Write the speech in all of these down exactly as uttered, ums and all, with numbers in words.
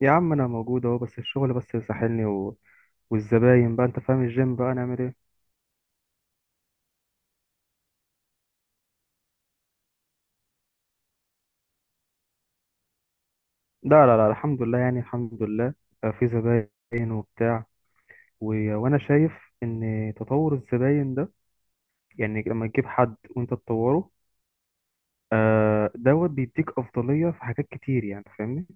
يا عم انا موجود اهو، بس الشغل بس ساحلني و... والزباين بقى. انت فاهم الجيم بقى نعمل ايه؟ لا لا لا، الحمد لله يعني الحمد لله. آه، في زباين وبتاع، و... وانا شايف ان تطور الزباين ده، يعني لما تجيب حد وانت تطوره، آه دوت بيديك افضلية في حاجات كتير يعني. فاهمني؟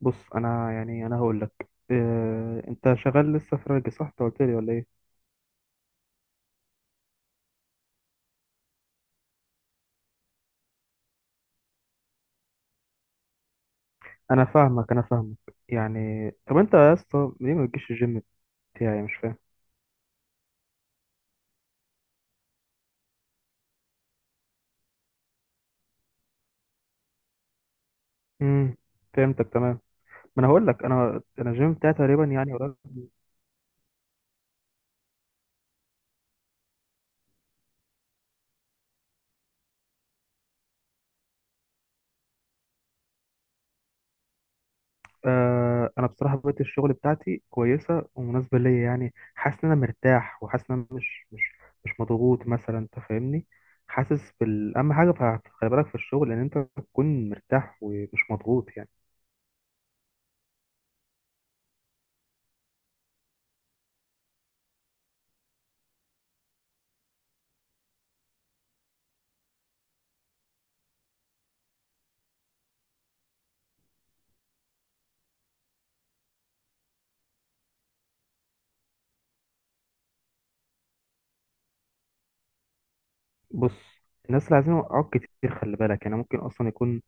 بص انا، يعني انا هقول لك، آه انت شغال لسه في راجل، صح؟ انت قلت لي ولا ايه؟ انا فاهمك، انا فاهمك. يعني طب انت يا اسطى ليه ما بتجيش الجيم بتاعي؟ مش فاهم. امم. فهمتك تمام. ما انا هقول لك، انا انا الجيم بتاعي تقريبا يعني قريب. آه، انا بصراحه بقيت الشغل بتاعتي كويسه ومناسبه ليا، يعني حاسس ان انا مرتاح، وحاسس ان انا مش مش مش مضغوط مثلا. انت فاهمني؟ حاسس بال، اهم حاجه ف- خلي بالك في الشغل ان انت تكون مرتاح ومش مضغوط يعني. بص، الناس اللي عايزين يوقعوك كتير، خلي بالك يعني. ممكن اصلا يكون،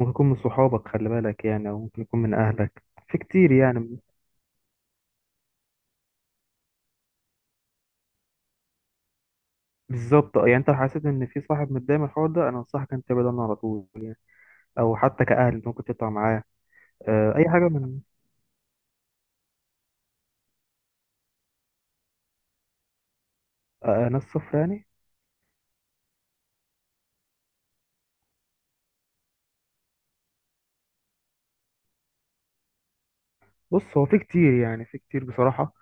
ممكن يكون من صحابك، خلي بالك يعني، او ممكن يكون من اهلك. في كتير يعني. بالظبط، آه، يعني انت لو حسيت ان في صاحب متضايق من الحوار ده، انا انصحك انت تبعد عنه على طول، او حتى كأهل ممكن تطلع معاه. آه، اي حاجه من، آه، آه، ناس صف يعني. بص، هو في كتير يعني في كتير بصراحه.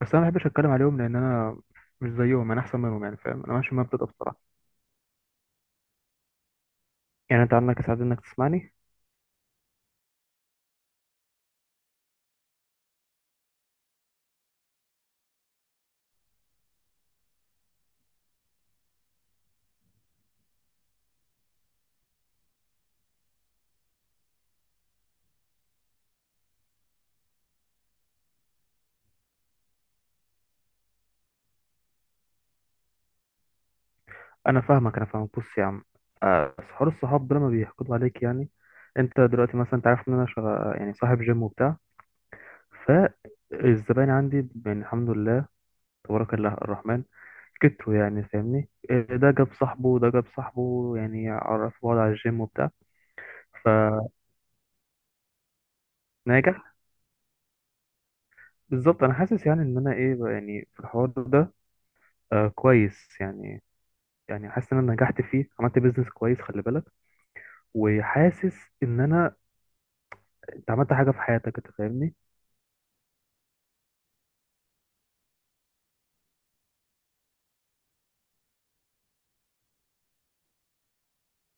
بس انا ما بحبش اتكلم عليهم، لان انا مش زيهم، انا احسن منهم يعني. فاهم؟ انا ماشي بمبدأ ده بصراحه. يعني انت عندك سعاده انك تسمعني. انا فاهمك، انا فاهمك. بص يا عم، آه، بس حوار الصحاب ده لما بيحقدوا عليك، يعني انت دلوقتي مثلا انت عارف ان انا شغ... يعني صاحب جيم وبتاع، فالزباين عندي يعني الحمد لله، تبارك الله الرحمن، كتروا يعني. فاهمني؟ آه، ده جاب صاحبه وده جاب صاحبه، يعني عرفوا بعض على الجيم وبتاع، فناجح. بالظبط، انا حاسس يعني ان انا ايه بقى يعني في الحوار ده، آه كويس يعني. يعني حاسس ان انا نجحت فيه، عملت بيزنس كويس، خلي بالك. وحاسس ان انا، انت عملت حاجه في حياتك. انت فاهمني؟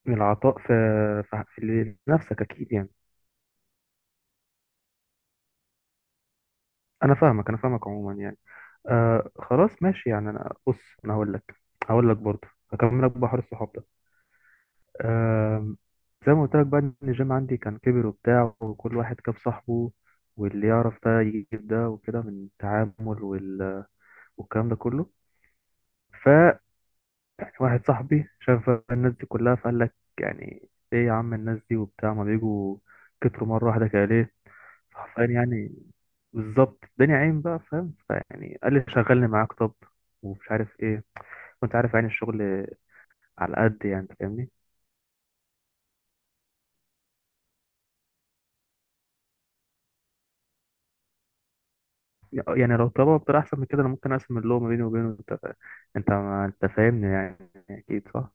من العطاء، في في في لنفسك اكيد يعني. انا فاهمك، انا فاهمك. عموما يعني، آه خلاص ماشي يعني. انا، بص، انا هقول لك هقول لك برضه. هكمل لك بحر الصحاب. آم. زي ما قلت لك بقى، ان الجيم عندي كان كبر وبتاع، وكل واحد كاب صاحبه، واللي يعرف ده يجيب ده، وكده من التعامل وال... والكلام ده كله. ف يعني واحد صاحبي شاف الناس دي كلها، فقال لك يعني ايه يا عم الناس دي وبتاع، ما بيجوا، كتروا مره واحده كده ليه؟ حرفيا يعني. بالظبط، الدنيا عين بقى. فاهم؟ فيعني قال لي شغلني معاك، طب، ومش عارف ايه. وانت عارف يعني الشغل على قد، يعني انت فاهمني. يعني لو طلبها بطريقة أحسن من كده، أنا ممكن أقسم اللوم ما بيني وبينه. أنت فا- أنت ما- أنت فاهمني يعني. أكيد صح.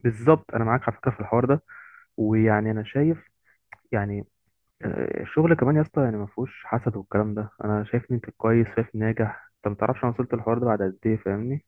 بالظبط أنا معاك على فكرة في الحوار ده. ويعني أنا شايف يعني، آه، الشغل كمان يا اسطى يعني ما فيهوش حسد والكلام ده. أنا شايف إن أنت كويس، شايف ناجح. أنت ما تعرفش أنا وصلت للحوار ده بعد قد إيه. فاهمني؟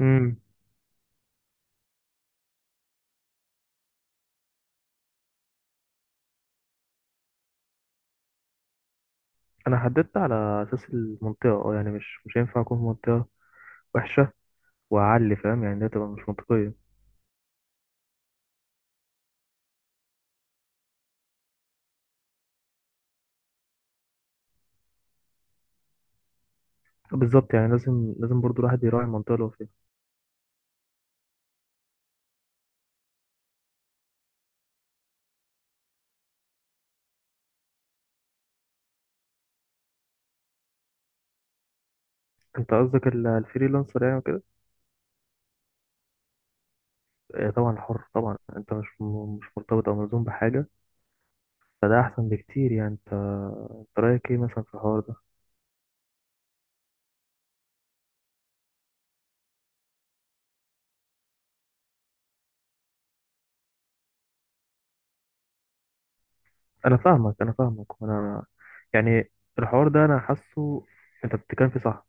امم. أنا حددت على أساس المنطقة. أه يعني مش مش هينفع أكون في منطقة وحشة وأعلي. فاهم يعني؟ ده تبقى مش منطقية. بالظبط، يعني لازم لازم برضو الواحد يراعي المنطقة اللي هو فيها. أنت قصدك ال- الفريلانسر يعني وكده؟ آه، طبعا حر طبعا. انت مش م- مش مرتبط او ملزوم بحاجه، فده احسن بكتير يعني. انت انت رايك ايه مثلا في الحوار ده؟ انا فاهمك، انا فاهمك. وانا يعني الحوار ده انا حاسه انت بتتكلم فيه صح.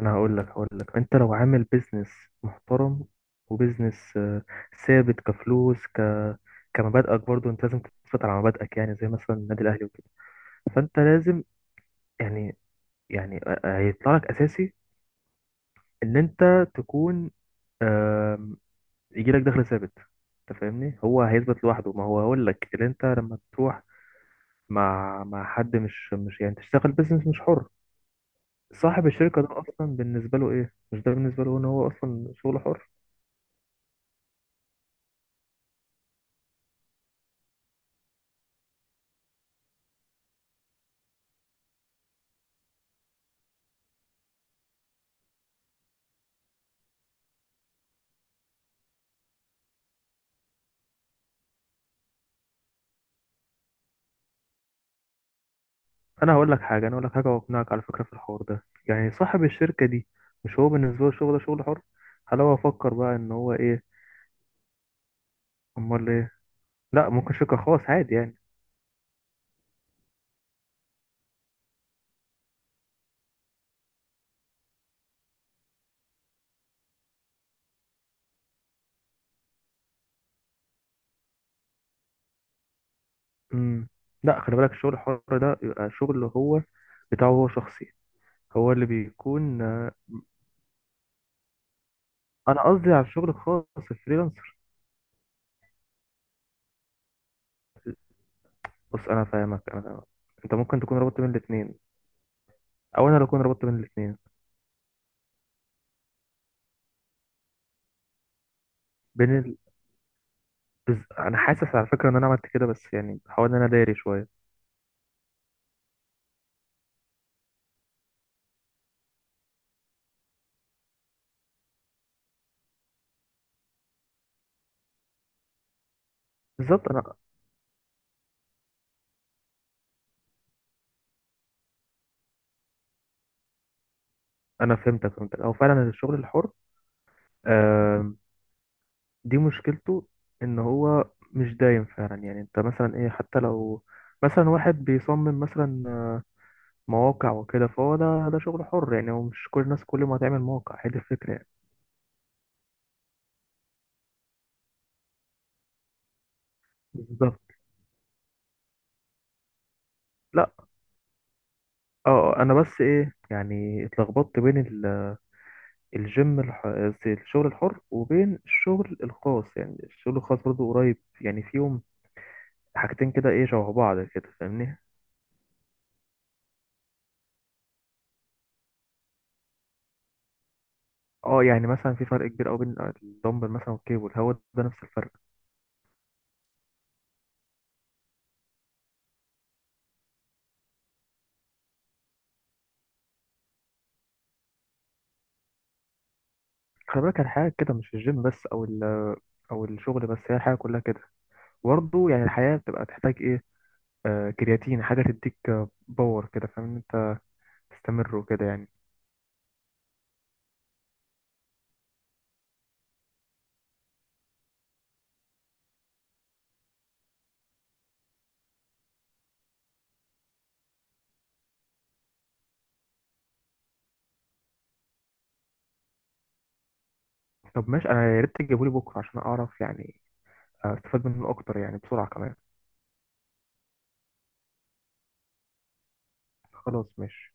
انا هقول لك هقول لك انت لو عامل بيزنس محترم، وبيزنس آه، ثابت، كفلوس، ك كمبادئك برضو، انت لازم تثبت على مبادئك، يعني زي مثلا النادي الاهلي وكده. فانت لازم يعني يعني آه، آه، هيطلع لك اساسي ان انت تكون يجي لك دخل ثابت. انت فاهمني؟ هو هيثبت لوحده، ما هو هقول لك اللي انت لما تروح مع مع حد، مش مش يعني تشتغل بيزنس مش حر. صاحب الشركه ده اصلا بالنسبه له ايه، مش ده بالنسبه له ان هو اصلا شغل حر. انا هقول لك حاجه، انا هقول لك حاجه واقنعك على فكره في الحوار ده. يعني صاحب الشركه دي مش هو بالنسبه له الشغل ده شغل حر. هل هو فكر بقى ان هو ايه؟ امال ايه؟ لا ممكن شركه خاص عادي يعني. امم. لا، خلي بالك، الشغل الحر ده يبقى شغل هو بتاعه، هو شخصي، هو اللي بيكون. انا قصدي على الشغل الخاص، الفريلانسر. بص انا فاهمك، انا فاهمك. انت ممكن تكون ربطت بين الاثنين، او انا اللي اكون ربطت بين الاثنين. بين ال... بز... انا حاسس على فكره ان انا عملت كده، بس يعني بحاول ان انا داري شويه. بالظبط، انا انا فهمتك فهمتك. او فعلا الشغل الحر، آم، دي مشكلته، ان هو مش دايم فعلا. يعني انت مثلا ايه حتى لو مثلا واحد بيصمم مثلا مواقع وكده، فهو ده، ده شغل حر يعني. هو مش كل الناس كل ما هتعمل موقع هي دي الفكره يعني. بالظبط. لا اه، انا بس ايه يعني اتلخبطت بين ال- الجيم الح... الشغل الحر وبين الشغل الخاص. يعني الشغل الخاص برضه قريب، يعني فيهم حاجتين كده ايه، شبه بعض كده فاهمني. اه يعني مثلا في فرق كبير قوي بين الدمبل مثلا والكيبل. هو ده نفس الفرق. خلي بالك الحياة كده مش الجيم بس او ال... او الشغل بس. هي الحياة كلها كده برضه يعني. الحياة بتبقى تحتاج ايه؟ آه كرياتين، حاجة تديك آه، باور كده. فاهم إن انت تستمر وكده يعني. طب ماشي، انا يا ريت تجيبولي بكره عشان اعرف، يعني استفاد منه اكتر يعني بسرعه كمان. خلاص ماشي.